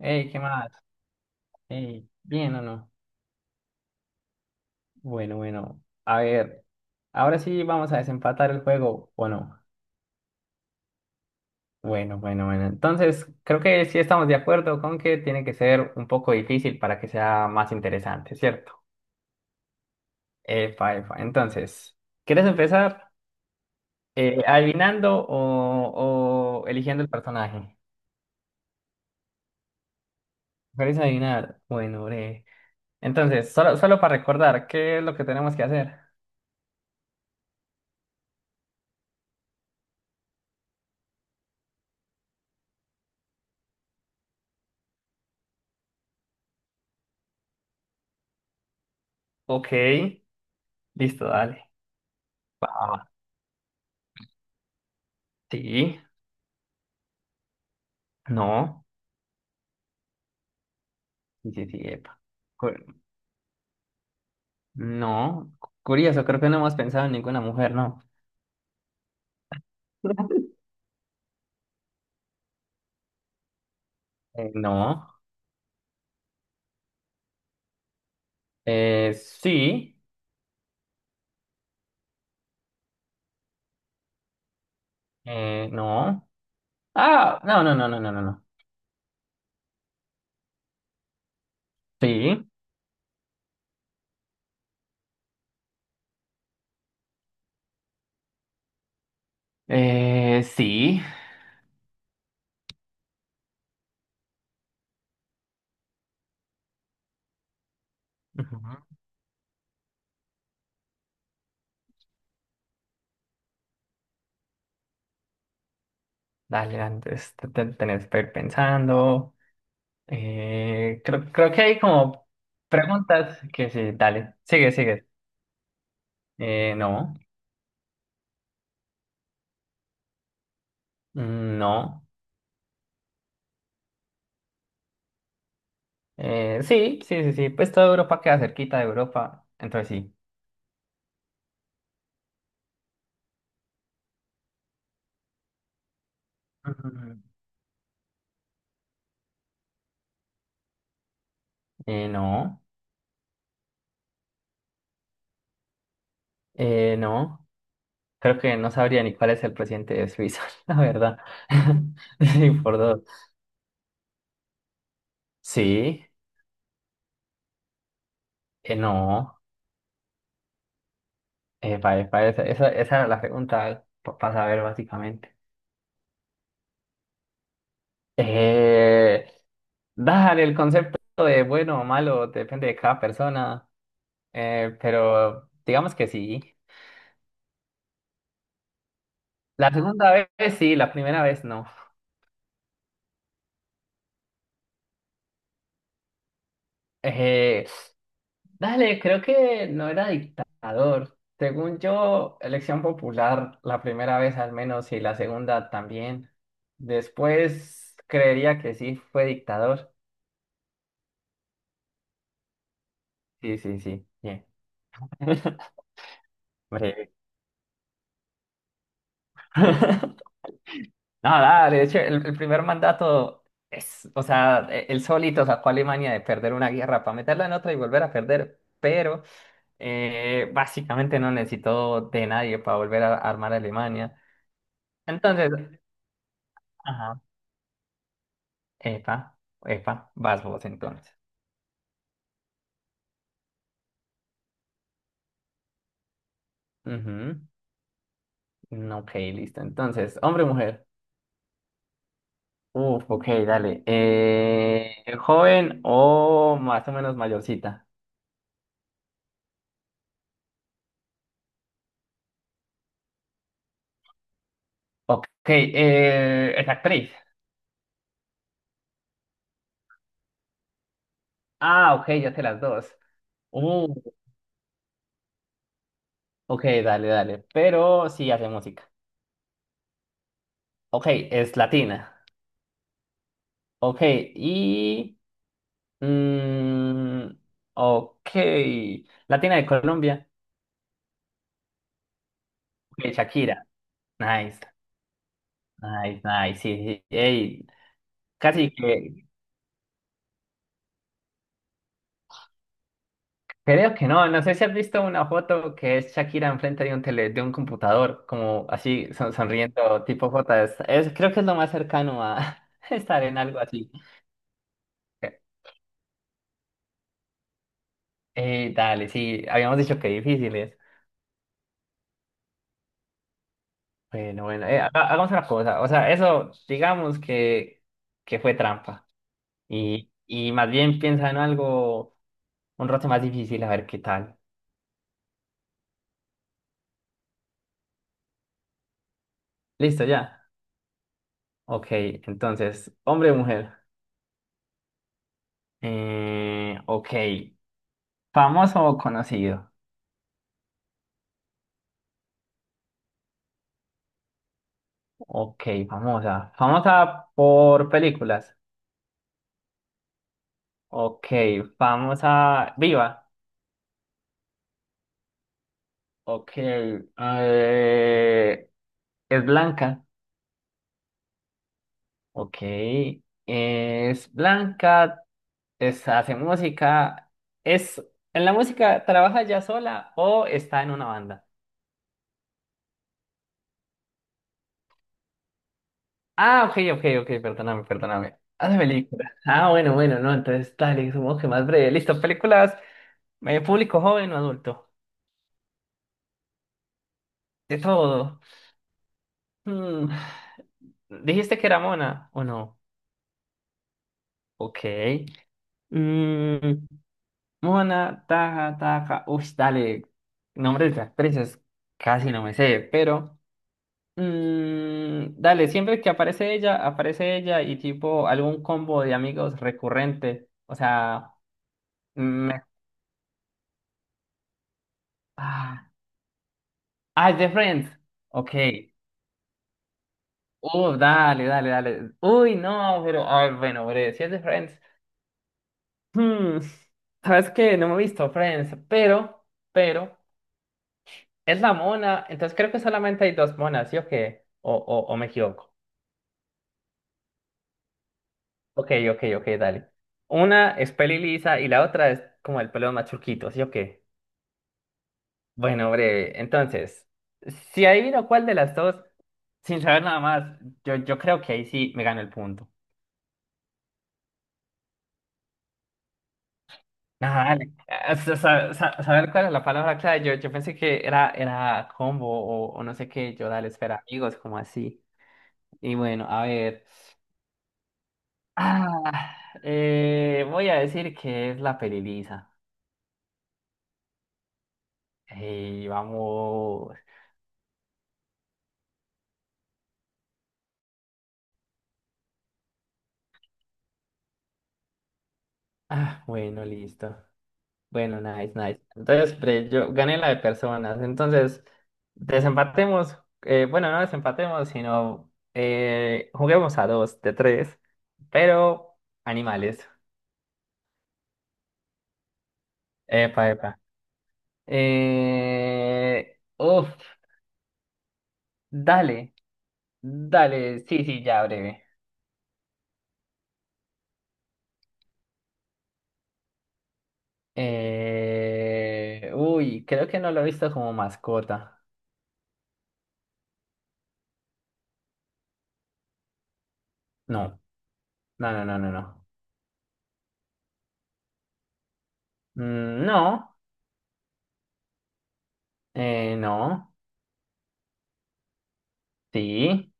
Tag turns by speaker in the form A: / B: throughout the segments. A: Ey, ¿qué más? Ey, ¿bien o no? Bueno, bueno, a ver, ahora sí vamos a desempatar el juego, ¿o no? Bueno, bueno, bueno. Entonces, creo que sí estamos de acuerdo con que tiene que ser un poco difícil para que sea más interesante, ¿cierto? Epa, epa. Entonces, ¿quieres empezar adivinando o eligiendo el personaje? ¿Quieres adivinar? Bueno, breve. Entonces, solo para recordar, ¿qué es lo que tenemos que hacer? Ok, listo, dale. Va, sí. No, sí, sí, sí, epa. Cu- No, curioso, creo que no hemos pensado en ninguna mujer, ¿no? No, sí, no. Ah, no, no, no, no, no, no, no. Sí, sí. Ujú. Dale, antes tenés que ir pensando. Creo que hay como preguntas que sí, dale, sigue, sigue. No, no. Sí, sí, sí, sí, pues toda Europa queda cerquita de Europa, entonces sí. Mm, no, no. Creo que no sabría ni cuál es el presidente de Suiza, la verdad. Sí, por dos. Sí, no. Esa, esa, esa era la pregunta para saber básicamente. Eh, dale, el concepto de bueno o malo depende de cada persona, pero digamos que sí. La segunda vez sí, la primera vez no. Eh, Dale, creo que no era dictador. Según yo, elección popular la primera vez al menos y la segunda también. Después creería que sí fue dictador. Sí, sí, sí. Bien. Breve. No, dale, de hecho, el primer mandato es, o sea, él solito sacó a Alemania de perder una guerra para meterla en otra y volver a perder, pero básicamente no necesitó de nadie para volver a armar a Alemania. Entonces, ajá, epa, epa, vas vos entonces. Ujú. Mm, ok, listo. Entonces, hombre o mujer. Uf, ok, dale. ¿Joven o más o menos mayorcita? Ok, es actriz. Ah, ok, ya sé las dos. Uh, ok, dale, dale. Pero sí hace música. Ok, es latina. Ok, y... mm, ok, Latina de Colombia. Ok, Shakira. Nice, nice, nice. Sí, sí. Ey, casi que, creo que no, no sé si has visto una foto que es Shakira enfrente de un tele, de un computador, como así sonriendo, tipo J, creo que es lo más cercano a estar en algo así. Dale, sí, habíamos dicho que difíciles. Bueno, bueno, hagamos una cosa, o sea, eso digamos que fue trampa y más bien piensa en algo un rato más difícil, a ver qué tal. Listo, ya. Ok, entonces, hombre o mujer. Ok. ¿Famoso o conocido? Ok, famosa. Famosa por películas. Ok, famosa viva. Ok, es blanca. Ok, es blanca, es, hace música. ¿Es en la música trabaja ya sola o está en una banda? Ah, ok, ok, ok, perdóname, perdóname. Hace películas. Ah, bueno, bueno, no, entonces dale, supongo que más breve. Listo, películas, público joven o adulto. De todo. Mm, ¿dijiste que era Mona o no? Ok. Mm, Mona, Taja, Taja. Uy, dale. Nombres de las presas casi no me sé, pero. Mm, dale, siempre que aparece ella y tipo algún combo de amigos recurrente. O sea. me- Ah, ah, The Friends. Ok. Dale, dale, dale. Uy, no, pero. Ay, bueno, breve. Si es The Friends. Hmm, sabes que no me he visto Friends, pero, es la mona, entonces creo que solamente hay dos monas, ¿sí o qué? O me equivoco. Ok, ok, ok, dale. Una es peli lisa y la otra es como el pelo más churquito, ¿sí o qué? Bueno, breve, entonces, si adivino cuál de las dos, sin saber nada más, yo creo que ahí sí me gano el punto. Nada, dale. Saber cuál es la palabra clave, yo pensé que era combo o no sé qué, yo dale, espera, amigos, como así. Y bueno, a ver. Ah, voy a decir que es la peli lisa. Y vamos. Ah, bueno, listo. Bueno, nice, nice. Entonces, yo gané la de personas. Entonces, desempatemos. Bueno, no desempatemos, sino juguemos a dos de tres, pero animales. Epa, epa. Uf, dale, dale. Sí, sí, ya breve. Uy, creo que no lo he visto como mascota. No, no, no, no, no, no. Mm, no, no, sí.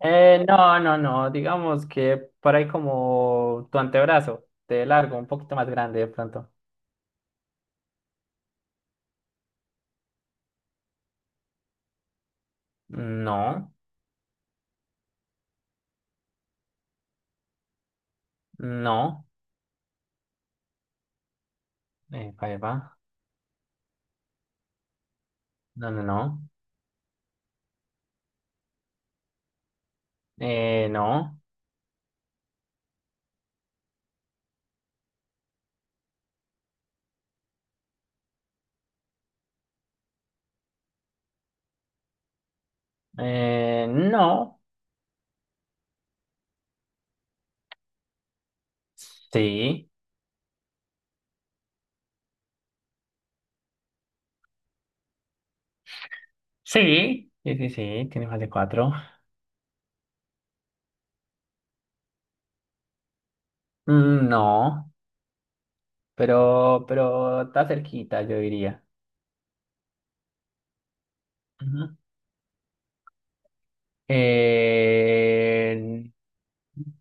A: No, no, no, digamos que por ahí como tu antebrazo, de largo, un poquito más grande de pronto. No, no, pa' ahí va. No, no, no. No, no, sí, sí, sí, sí, sí, tiene más de cuatro. Mm, no. Pero está cerquita, yo diría. Ujú. Eh,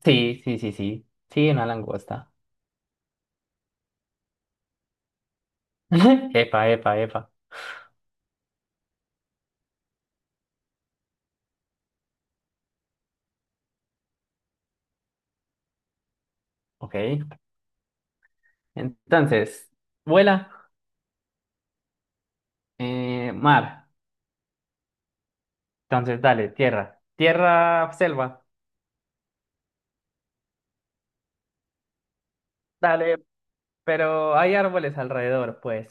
A: sí, sí, sí, sí. Sí, una langosta. Epa, epa, epa. Ok. Entonces, vuela, mar. Entonces, dale, tierra. Tierra, selva. Dale, pero hay árboles alrededor, pues.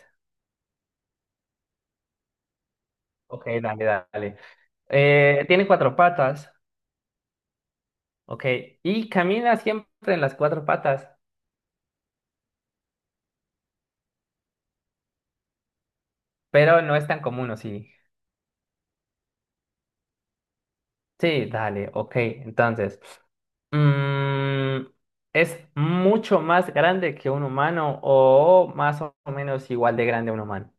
A: Ok, dale, dale. Tiene cuatro patas. Ok. Y camina siempre en las cuatro patas, pero no es tan común, ¿o sí? Sí, dale, ok. Entonces, mm, ¿es mucho más grande que un humano o más o menos igual de grande a un humano?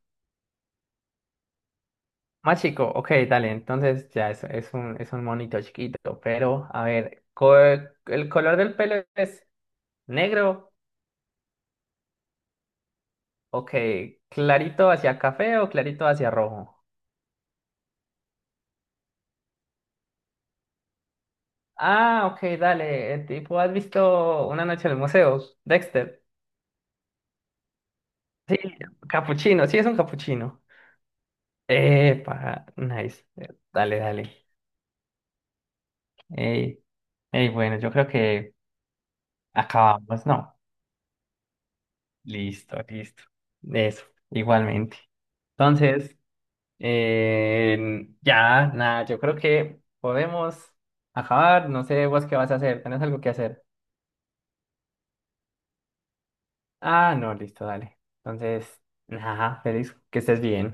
A: Más chico, ok, dale. Entonces ya es un monito chiquito, pero a ver, ¿el color del pelo es negro? Ok, ¿clarito hacia café o clarito hacia rojo? Ah, ok, dale. El tipo, ¿has visto Una noche en el museo? Dexter. Sí, capuchino, sí es un capuchino. Epa, nice. Dale, dale. Ey, ey, bueno, yo creo que acabamos, ¿no? Listo, listo. Eso, igualmente. Entonces, ya, nada, yo creo que podemos acabar. No sé vos qué vas a hacer. ¿Tenés algo que hacer? Ah, no, listo, dale. Entonces, nada, feliz, que estés bien.